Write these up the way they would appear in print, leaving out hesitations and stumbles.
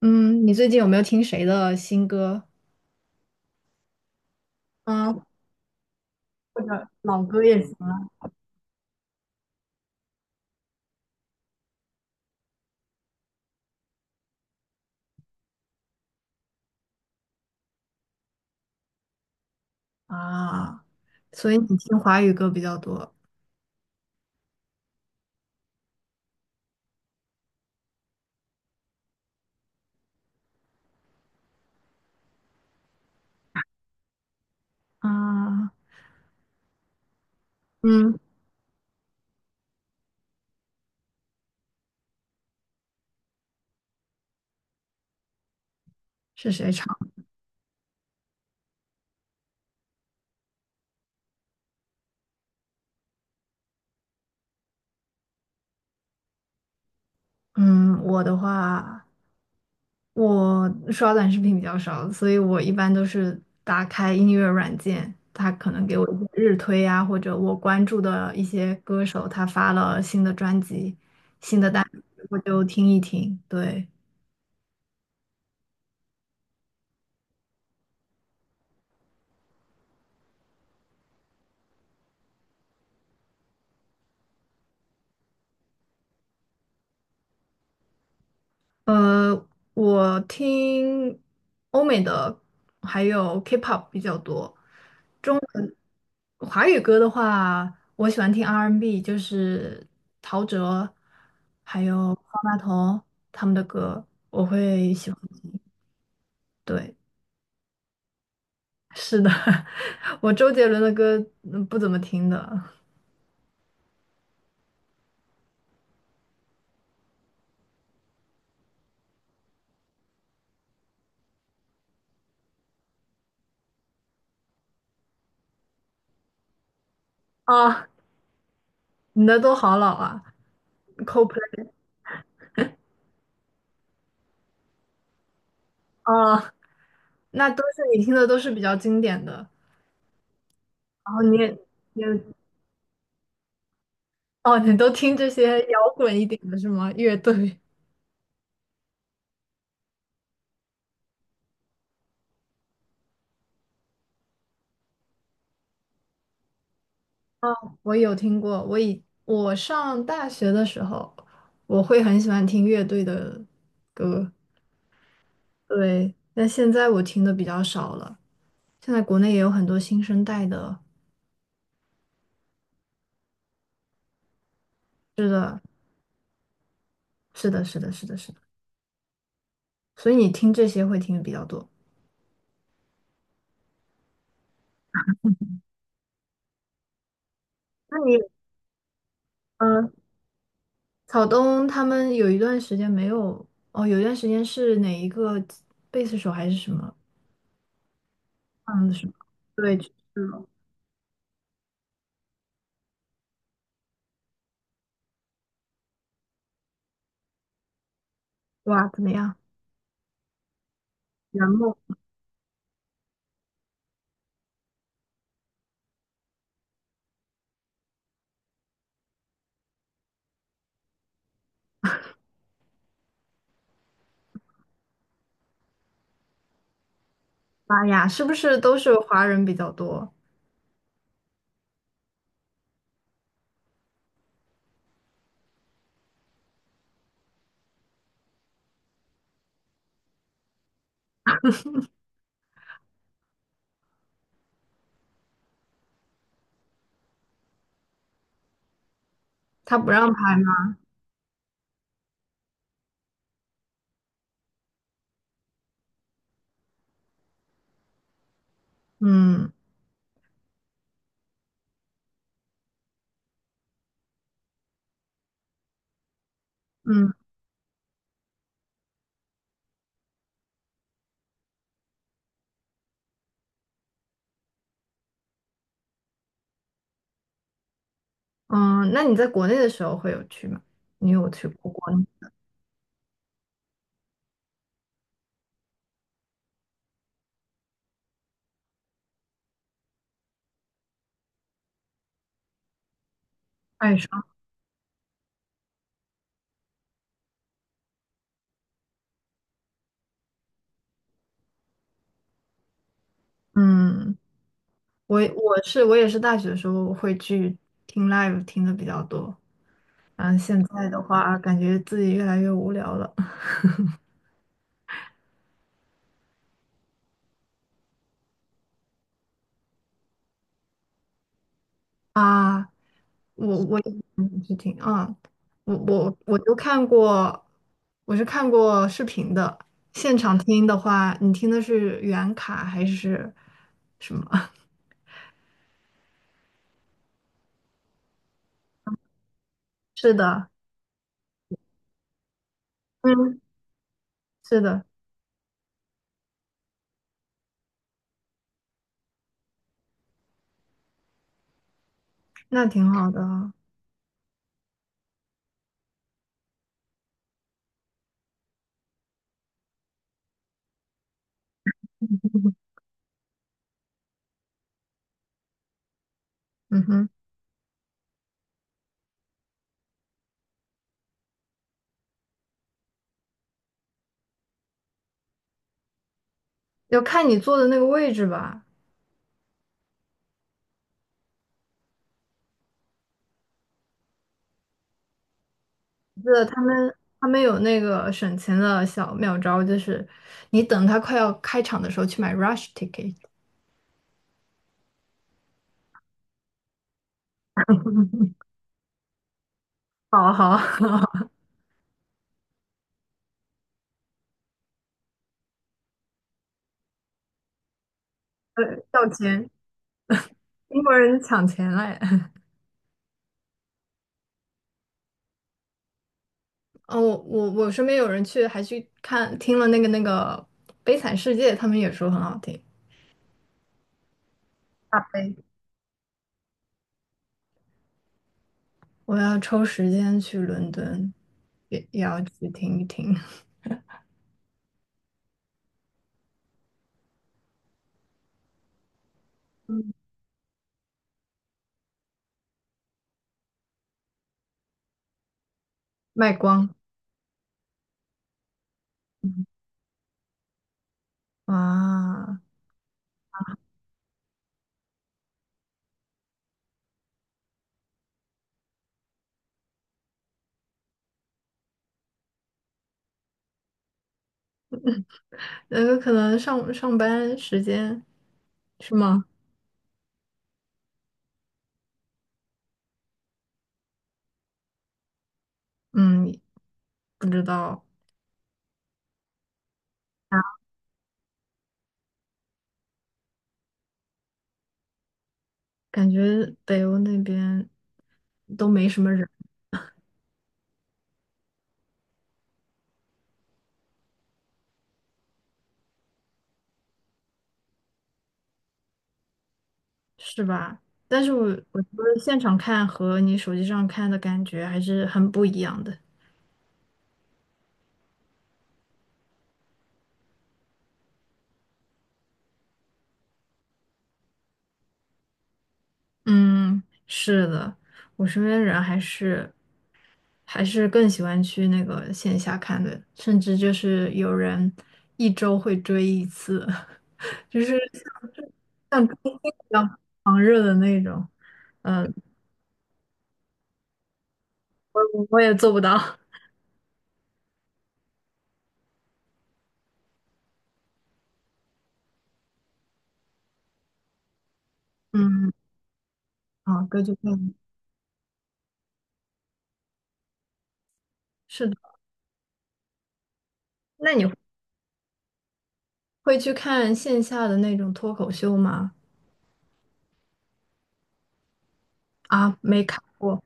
嗯，你最近有没有听谁的新歌？嗯。或者老歌也行啊。啊？所以你听华语歌比较多啊？嗯，是谁唱？嗯，我的话，我刷短视频比较少，所以我一般都是打开音乐软件，它可能给我一些日推啊，或者我关注的一些歌手他发了新的专辑、新的单曲，我就听一听。对，呃，我听欧美的还有 K-pop 比较多。华语歌的话，我喜欢听 R&B，就是陶喆还有方大同他们的歌，我会喜欢。对，是的，我周杰伦的歌不怎么听的。啊，你的都好老啊，Coldplay 啊，那都是你听的都是比较经典的，然后你也。哦，你都听这些摇滚一点的是吗？乐队？哦，我有听过。我上大学的时候，我会很喜欢听乐队的歌，对。但现在我听的比较少了。现在国内也有很多新生代的，是的，是的，是的，是的。所以你听这些会听的比较多。那你，嗯，草东他们有一段时间没有，哦，有一段时间是哪一个贝斯手还是什么？嗯，什么？对，去世了。哇，怎么样？圆梦。妈呀，是不是都是华人比较多？他不让拍吗？嗯嗯嗯。那你在国内的时候会有去吗？你有去过国内爱上？嗯，我也是大学的时候会去听 live 听的比较多，然后现在的话感觉自己越来越无聊了 啊。我也是听啊，我都看过，我是看过视频的。现场听的话，你听的是原卡还是什么？是的，嗯，是的，那挺好的啊。嗯哼，要看你坐的那个位置吧。我记得他们有那个省钱的小妙招，就是你等他快要开场的时候去买 rush ticket。好啊好啊，呃要钱，英国人抢钱嘞。嗯，我身边有人去还去看听了那个《悲惨世界》，他们也说很好听。大悲，我要抽时间去伦敦，也要去听一听。嗯，卖光啊，那个可能上班时间是吗？嗯，不知道，感觉北欧那边都没什么人，是吧？但是我觉得现场看和你手机上看的感觉还是很不一样的。嗯，是的，我身边人还是更喜欢去那个线下看的，甚至就是有人一周会追一次，就是像追星一样狂热的那种。嗯，我也做不到。嗯，啊，歌剧魅影是的。那你会去看线下的那种脱口秀吗？啊，没看过。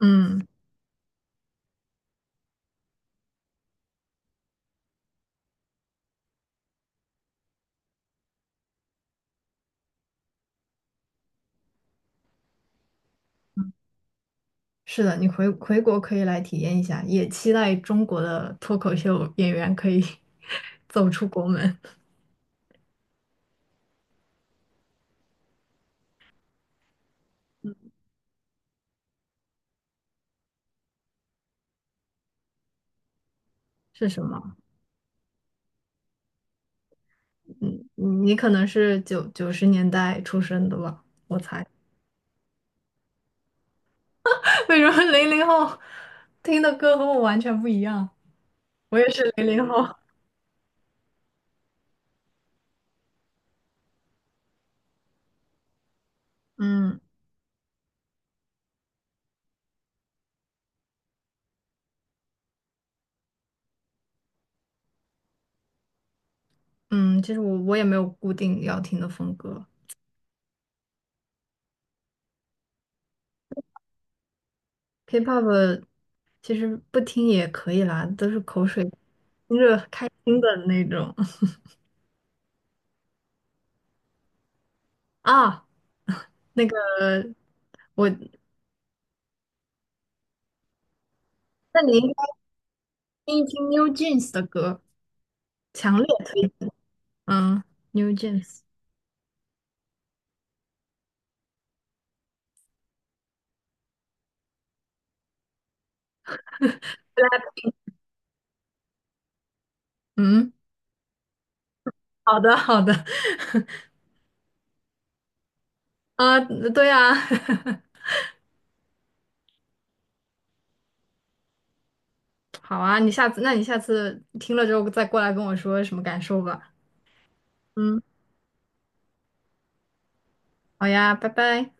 嗯。是的，你回国可以来体验一下，也期待中国的脱口秀演员可以 走出国门。是什么？嗯，你可能是九十年代出生的吧？为什么零零后听的歌和我完全不一样？我也是零零后。嗯嗯，其实我也没有固定要听的风格，K-pop 其实不听也可以啦，都是口水，听着开心的那种 啊。那个我，那您。听一听 New Jeans 的歌，强烈推荐。嗯。New Jeans。嗯，好的，好的。啊，对啊，好啊，你下次，那你下次听了之后再过来跟我说什么感受吧。嗯，好呀，拜拜。